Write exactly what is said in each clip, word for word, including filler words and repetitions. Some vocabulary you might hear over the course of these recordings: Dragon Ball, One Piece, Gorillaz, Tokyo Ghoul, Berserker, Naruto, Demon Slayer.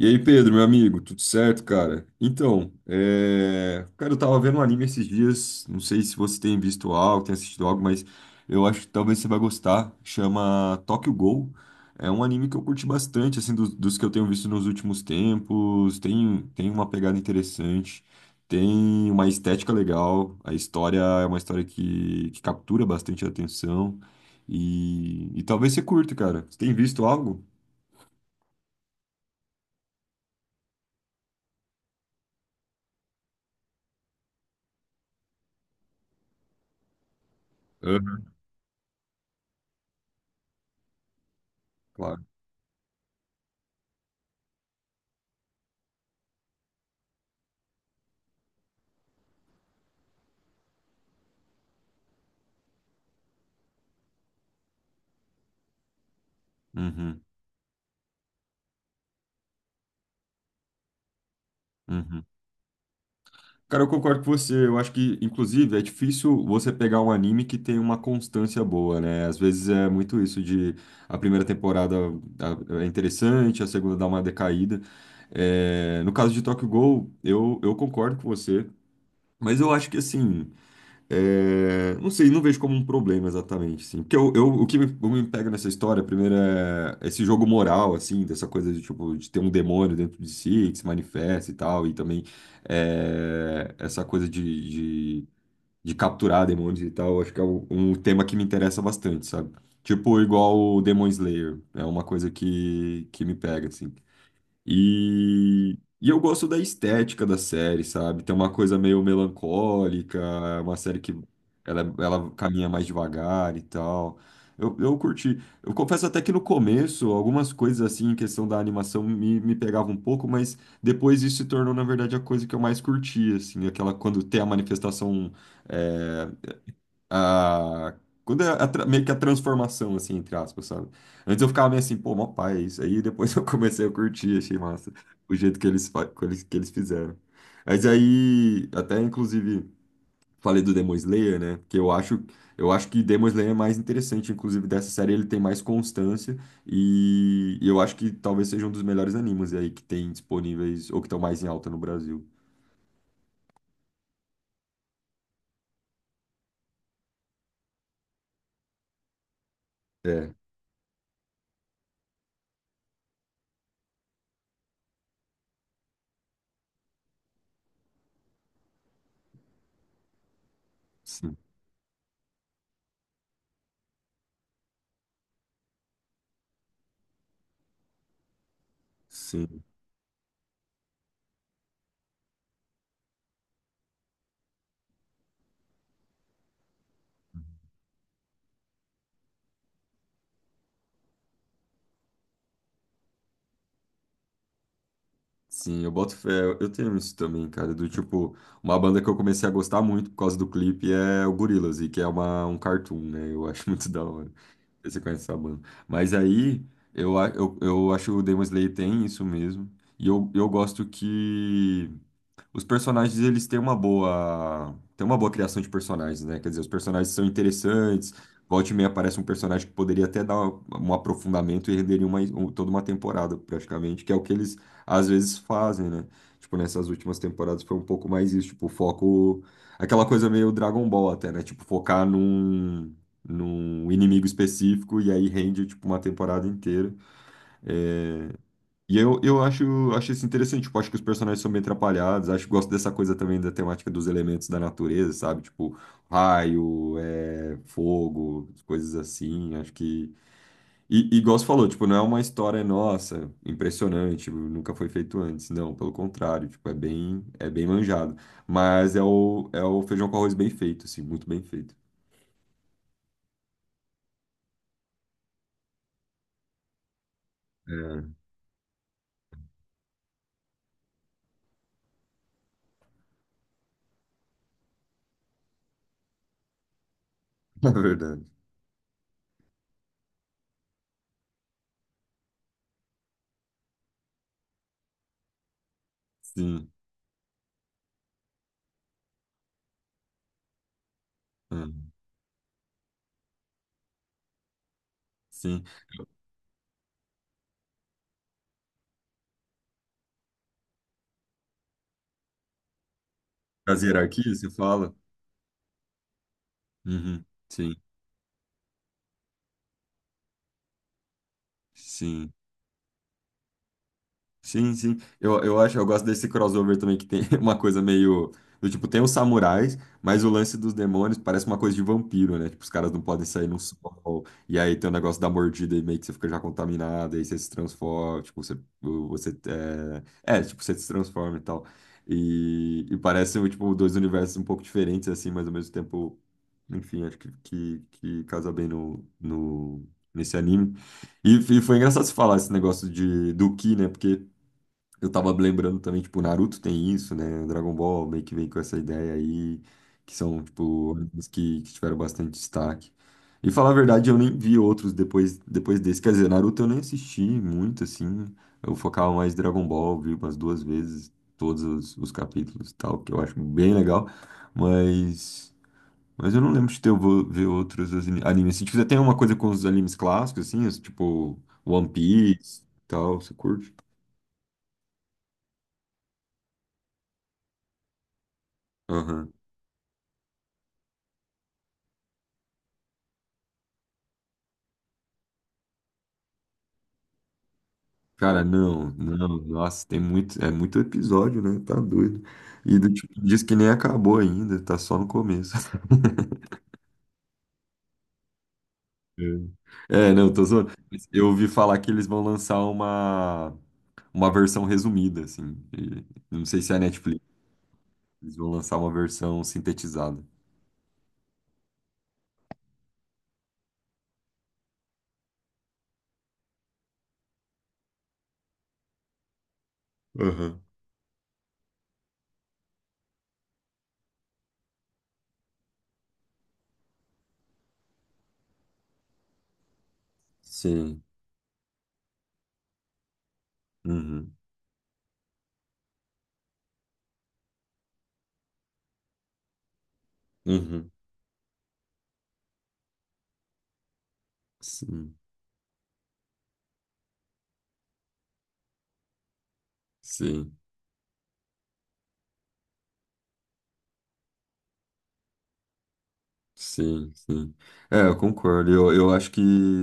E aí, Pedro, meu amigo, tudo certo, cara? Então, é... cara, eu tava vendo um anime esses dias, não sei se você tem visto algo, tem assistido algo, mas eu acho que talvez você vai gostar, chama Tokyo Ghoul. É um anime que eu curti bastante, assim, dos, dos que eu tenho visto nos últimos tempos, tem, tem uma pegada interessante, tem uma estética legal, a história é uma história que, que captura bastante a atenção, e, e talvez você curta, cara. Você tem visto algo? Aham. Claro. Uhum. Uhum. Cara, eu concordo com você. Eu acho que, inclusive, é difícil você pegar um anime que tem uma constância boa, né? Às vezes é muito isso de a primeira temporada a- é interessante, a segunda dá uma decaída. É, no caso de Tokyo Ghoul, eu, eu concordo com você. Mas eu acho que, assim, é, não sei, não vejo como um problema exatamente, assim. Porque eu, eu- o que me, o me pega nessa história, primeiro, é esse jogo moral, assim, dessa coisa de, tipo, de ter um demônio dentro de si, que se manifesta e tal, e também é, essa coisa de, de, de capturar demônios e tal, acho que é um, um tema que me interessa bastante, sabe? Tipo, igual o Demon Slayer, é uma coisa que, que me pega, assim. E, e eu gosto da estética da série, sabe? Tem uma coisa meio melancólica, é uma série que ela, ela caminha mais devagar e tal. Eu, eu curti. Eu confesso até que no começo, algumas coisas assim, em questão da animação, me, me pegavam um pouco, mas depois isso se tornou, na verdade, a coisa que eu mais curti, assim, aquela quando tem a manifestação eh, a, quando é a tra- meio que a transformação, assim, entre aspas, sabe? Antes eu ficava meio assim, pô, mó pai, é isso aí. Depois eu comecei a curtir, achei massa o jeito que eles, fa- que eles, que eles fizeram. Mas aí, até inclusive, falei do Demon Slayer, né? Que eu acho, eu acho que Demon Slayer é mais interessante, inclusive, dessa série. Ele tem mais constância e eu acho que talvez seja um dos melhores animes aí que tem disponíveis ou que estão mais em alta no Brasil. É, sim, sim. Sim, eu boto fé. Eu tenho isso também, cara. Do tipo, uma banda que eu comecei a gostar muito por causa do clipe é o Gorillaz, e que é uma, um cartoon, né? Eu acho muito da hora. Não sei se você conhece essa banda. Mas aí, eu, a- eu, eu acho que o Demon Slayer tem isso mesmo. E eu, eu gosto que os personagens eles têm uma boa, têm uma boa criação de personagens, né? Quer dizer, os personagens são interessantes. Volte e meia aparece um personagem que poderia até dar um aprofundamento e renderia uma, um- toda uma temporada, praticamente, que é o que eles às vezes fazem, né? Tipo, nessas últimas temporadas foi um pouco mais isso, tipo, foco. Aquela coisa meio Dragon Ball até, né? Tipo, focar num, num inimigo específico e aí rende, tipo, uma temporada inteira. E eu, eu acho, acho isso interessante, tipo, acho que os personagens são bem atrapalhados, acho que gosto dessa coisa também da temática dos elementos da natureza, sabe? Tipo, raio, é, fogo, coisas assim, acho que... E, e igual você falou, tipo, não é uma história nossa, impressionante, nunca foi feito antes, não, pelo contrário, tipo, é bem, é bem manjado, mas é o, é o feijão com arroz bem feito, assim, muito bem feito. É, é verdade. Sim, é, sim. As hierarquias, você fala? Uhum, sim, sim. Sim, sim. Eu, eu acho, eu gosto desse crossover também que tem uma coisa meio do tipo, tem os samurais, mas o lance dos demônios parece uma coisa de vampiro, né? Tipo, os caras não podem sair no sol. E aí tem o negócio da mordida e meio que você fica já contaminado, aí você se transforma, tipo, você, você é, é, tipo, você se transforma e tal. E, e parece, tipo, dois universos um pouco diferentes, assim, mas ao mesmo tempo, enfim, acho que, que, que casa bem no, no, nesse anime. E, e foi engraçado você falar esse negócio de, do Ki, né? Porque eu tava me lembrando também, tipo, Naruto tem isso, né? Dragon Ball meio que vem com essa ideia aí, que são, tipo, animes que, que tiveram bastante destaque. E falar a verdade, eu nem vi outros depois, depois desse. Quer dizer, Naruto eu nem assisti muito, assim. Eu focava mais em Dragon Ball, vi umas duas vezes todos os, os capítulos e tal, que eu acho bem legal. Mas, mas eu não lembro de ter eu vou ver outros ani- animes. Se tiver tem uma coisa com os animes clássicos, assim, os, tipo, One Piece e tal, você curte? Aham. Cara, não, não, nossa, tem muito, é muito episódio, né? Tá doido. E do tipo, diz que nem acabou ainda, tá só no começo. É, é, não, tô zoando. Mas eu ouvi falar que eles vão lançar uma, uma versão resumida, assim. E não sei se é a Netflix, eles vão lançar uma versão sintetizada. Aham. Sim. Uhum. Uhum. Sim. Sim. Sim, sim. É, eu concordo. Eu, eu acho que,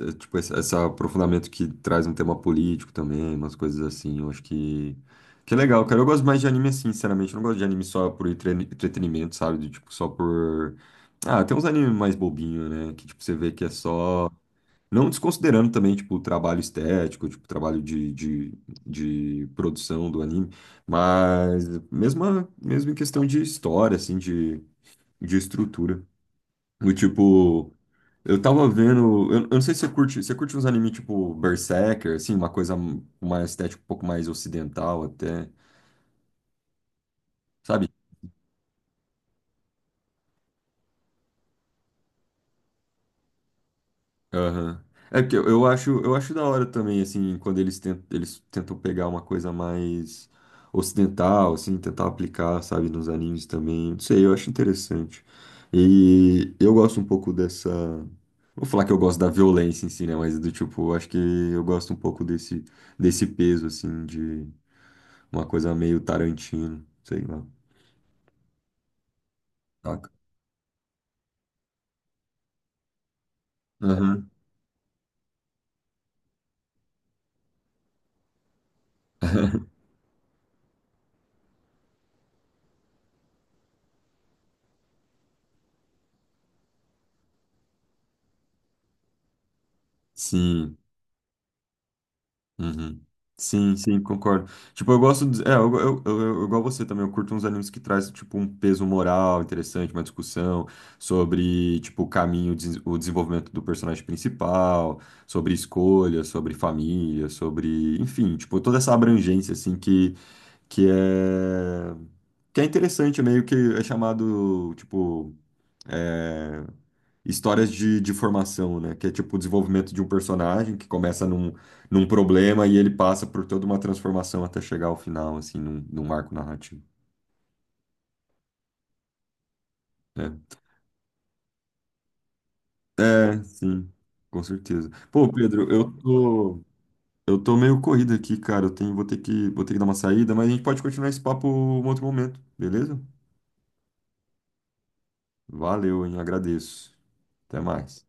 eh, tipo, esse, esse aprofundamento que traz um tema político também, umas coisas assim, eu acho que, que é legal, cara. Eu gosto mais de anime assim, sinceramente. Eu não gosto de anime só por entre- entretenimento, sabe? De, tipo, só por... Ah, tem uns animes mais bobinhos né? Que, tipo, você vê que é só... Não desconsiderando também, tipo, o trabalho estético, tipo, o trabalho de, de, de produção do anime, mas mesmo, mesmo em questão de história, assim, de, de estrutura. O tipo, eu tava vendo. Eu, eu não sei se você curte. Você curte uns animes tipo Berserker, assim, uma coisa m- uma estética um pouco mais ocidental até. Sabe? Aham. É porque eu, eu acho, eu acho da hora também, assim, quando eles tentam, eles tentam pegar uma coisa mais ocidental, assim, tentar aplicar, sabe, nos animes também. Não sei, eu acho interessante. E eu gosto um pouco dessa. Vou falar que eu gosto da violência em si, né? Mas do tipo, eu acho que eu gosto um pouco desse, desse peso, assim, de uma coisa meio Tarantino, sei lá, saca? Aham. Sim, uhum. Sim, sim, concordo. Tipo, eu gosto de... É, eu, eu, eu, eu- igual você também, eu curto uns animes que traz, tipo, um peso moral interessante, uma discussão sobre, tipo, o caminho, des- o desenvolvimento do personagem principal, sobre escolha, sobre família, sobre... Enfim, tipo, toda essa abrangência, assim, que, que é... Que é interessante, meio que é chamado, tipo... é, histórias de, de formação, né? Que é tipo o desenvolvimento de um personagem que começa num, num problema e ele passa por toda uma transformação até chegar ao final, assim, num, num arco narrativo, né? É, sim, com certeza. Pô, Pedro, eu tô, eu tô meio corrido aqui, cara. Eu tenho, vou ter que, vou ter que dar uma saída, mas a gente pode continuar esse papo em outro momento, beleza? Valeu, hein? Agradeço. Até mais.